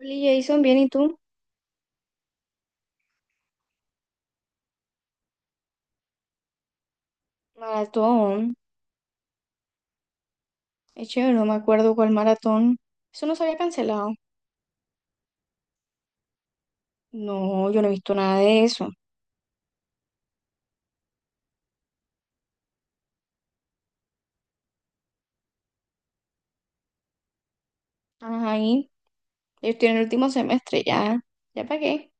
Oli, Jason, bien, ¿y tú? Maratón. Es chévere, no me acuerdo cuál maratón. Eso no se había cancelado. No, yo no he visto nada de eso. Ajá, ahí. Yo estoy en el último semestre, ya. ¿Ya para qué?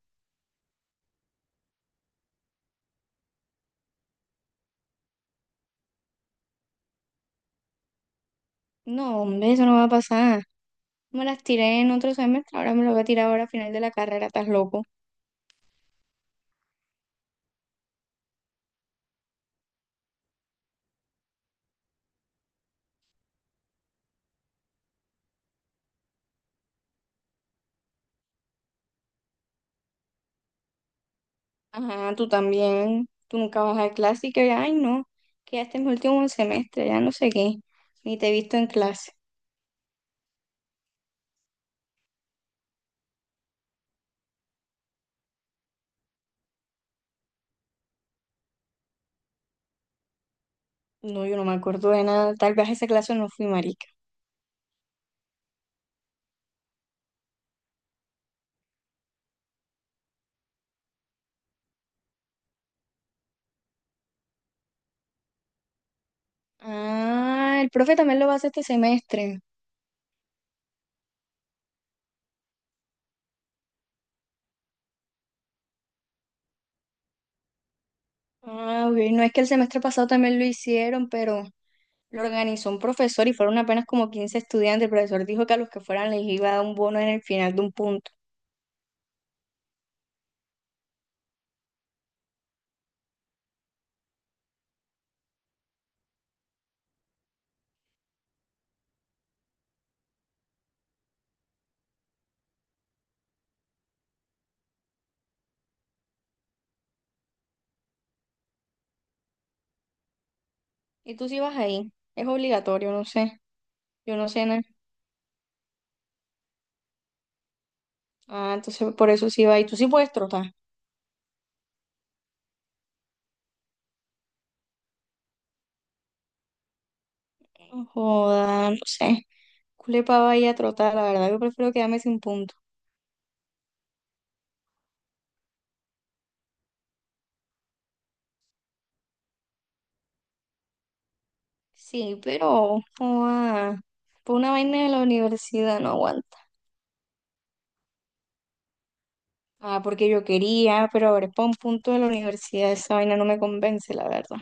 No, hombre, eso no va a pasar. Me las tiré en otro semestre, ahora me lo voy a tirar ahora a final de la carrera, estás loco. Ajá, tú también. Tú nunca vas a clase y que, ay, no, que ya este es mi último semestre, ya no sé qué. Ni te he visto en clase. No, yo no me acuerdo de nada. Tal vez a esa clase no fui, marica. Ah, el profe también lo hace este semestre. Ah, ok. No es que el semestre pasado también lo hicieron, pero lo organizó un profesor y fueron apenas como 15 estudiantes. El profesor dijo que a los que fueran les iba a dar un bono en el final de un punto. Y tú sí vas ahí. Es obligatorio, no sé. Yo no sé nada. Ah, entonces por eso sí va. Y tú sí puedes trotar. No joda, no sé. Culepa vaya a trotar, la verdad. Yo prefiero quedarme sin punto. Sí, pero, joda, por una vaina de la universidad no aguanta. Ah, porque yo quería, pero ahora es para un punto de la universidad, esa vaina no me convence, la verdad.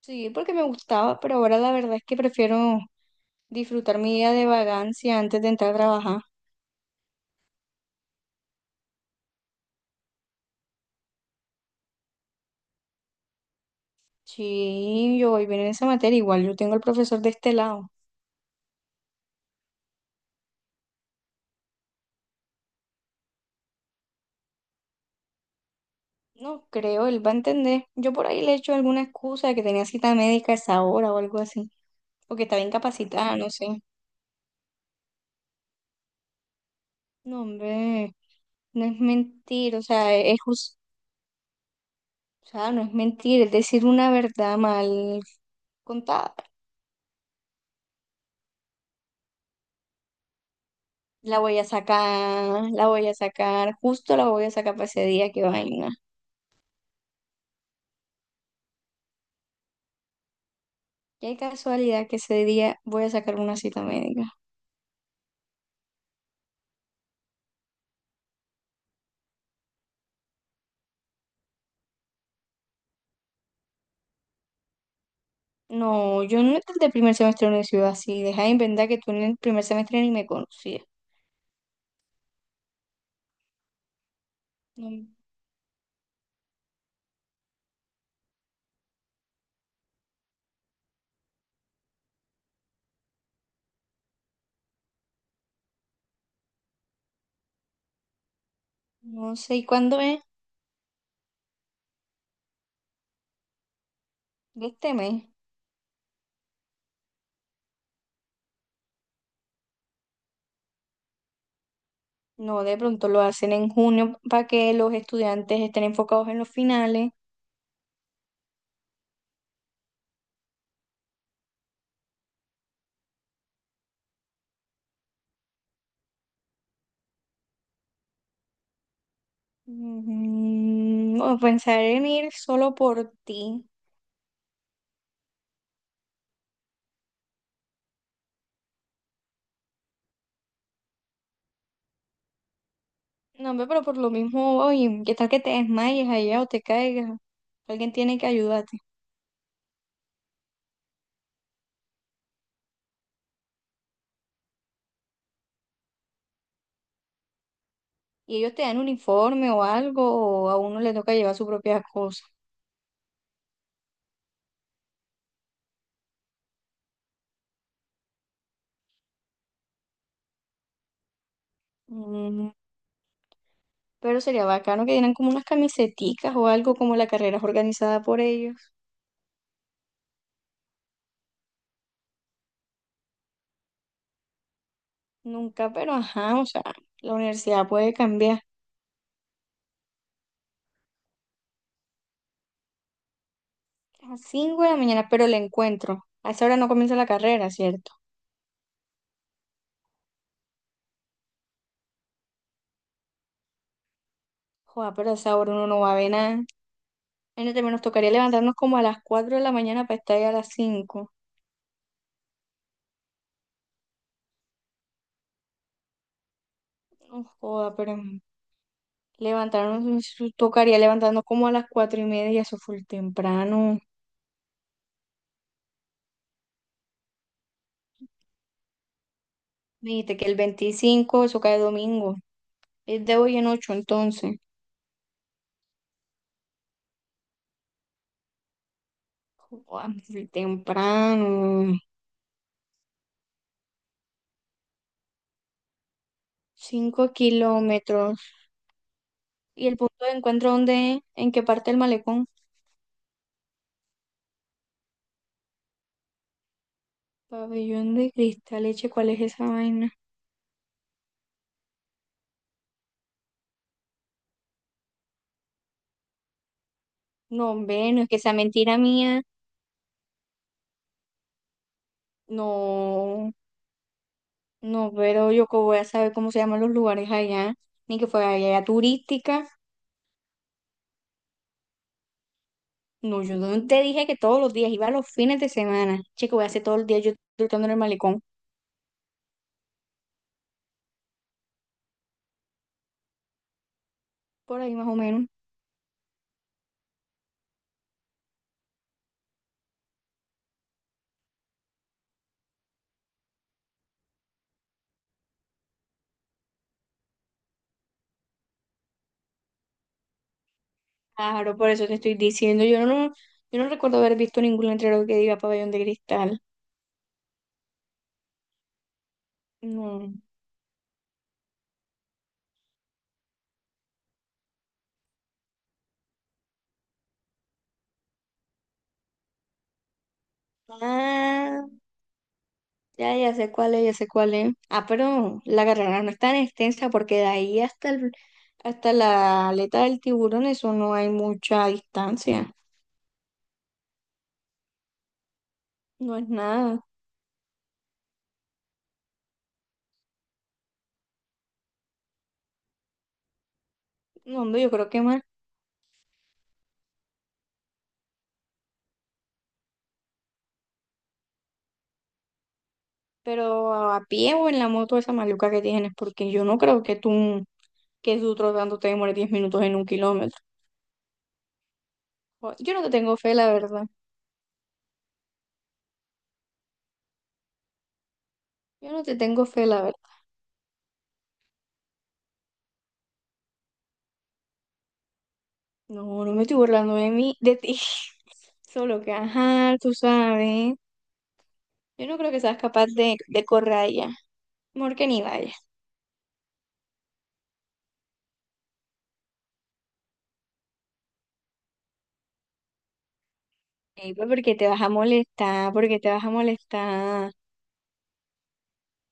Sí, porque me gustaba, pero ahora la verdad es que prefiero disfrutar mi día de vagancia antes de entrar a trabajar. Sí, yo voy bien en esa materia, igual yo tengo al profesor de este lado. No creo, él va a entender. Yo por ahí le he hecho alguna excusa de que tenía cita médica a esa hora o algo así, o que estaba incapacitada, no sé. No, hombre, no es mentir, o sea, no es mentir, es decir una verdad mal contada. La voy a sacar, la voy a sacar, justo la voy a sacar para ese día, qué vaina. Qué casualidad que ese día voy a sacar una cita médica. No, yo no entré el primer semestre de la universidad así, deja de inventar que tú en el primer semestre ni me conocías. No, no sé, ¿y cuándo es? ¿De este mes? No, de pronto lo hacen en junio para que los estudiantes estén enfocados en los finales. O pensar en ir solo por ti. No, hombre, pero por lo mismo, oye, ¿qué tal que te desmayes allá o te caigas? Alguien tiene que ayudarte. Y ellos te dan un uniforme o algo, o a uno le toca llevar su propia cosa. Mm, pero sería bacano que dieran como unas camiseticas o algo, como la carrera es organizada por ellos. Nunca, pero ajá, o sea, la universidad puede cambiar. A las 5 de la mañana, pero el encuentro. A esa hora no comienza la carrera, ¿cierto? Joder, pero a esa hora uno no va a ver nada. Imagínate, nos tocaría levantarnos como a las 4 de la mañana para estar ahí a las 5. No joda, pero levantarnos, tocaría levantarnos como a las 4 y media, eso fue temprano. Me dijiste que el 25 eso cae domingo. Es de hoy en ocho, entonces. Joda, full temprano. 5 kilómetros. ¿Y el punto de encuentro dónde es? ¿En qué parte del malecón? Pabellón de cristal, eche, ¿cuál es esa vaina? No, hombre, no es que sea mentira mía. No, no, pero yo cómo voy a saber cómo se llaman los lugares allá, ni que fuera allá turística. No, yo no te dije que todos los días, iba los fines de semana. Chico, voy a hacer todo el día yo trotando en el malecón, por ahí más o menos. Claro, por eso te estoy diciendo, yo no recuerdo haber visto ningún letrero que diga pabellón de cristal. No. Ah, ya, ya sé cuál es, ya sé cuál es. Ah, pero la carrera no es tan extensa porque de ahí hasta la aleta del tiburón, eso no hay mucha distancia. No es nada. No, hombre, yo creo que más. Pero a pie o en la moto esa maluca que tienes, porque yo no creo que tú, trotando te demores 10 minutos en 1 kilómetro. Yo no te tengo fe, la verdad. Yo no te tengo fe, la verdad. No, no me estoy burlando de mí, de ti. Solo que, ajá, tú sabes. Yo no creo que seas capaz de correr allá. Mejor que ni vayas. Ey, pues, porque te vas a molestar, porque te vas a molestar.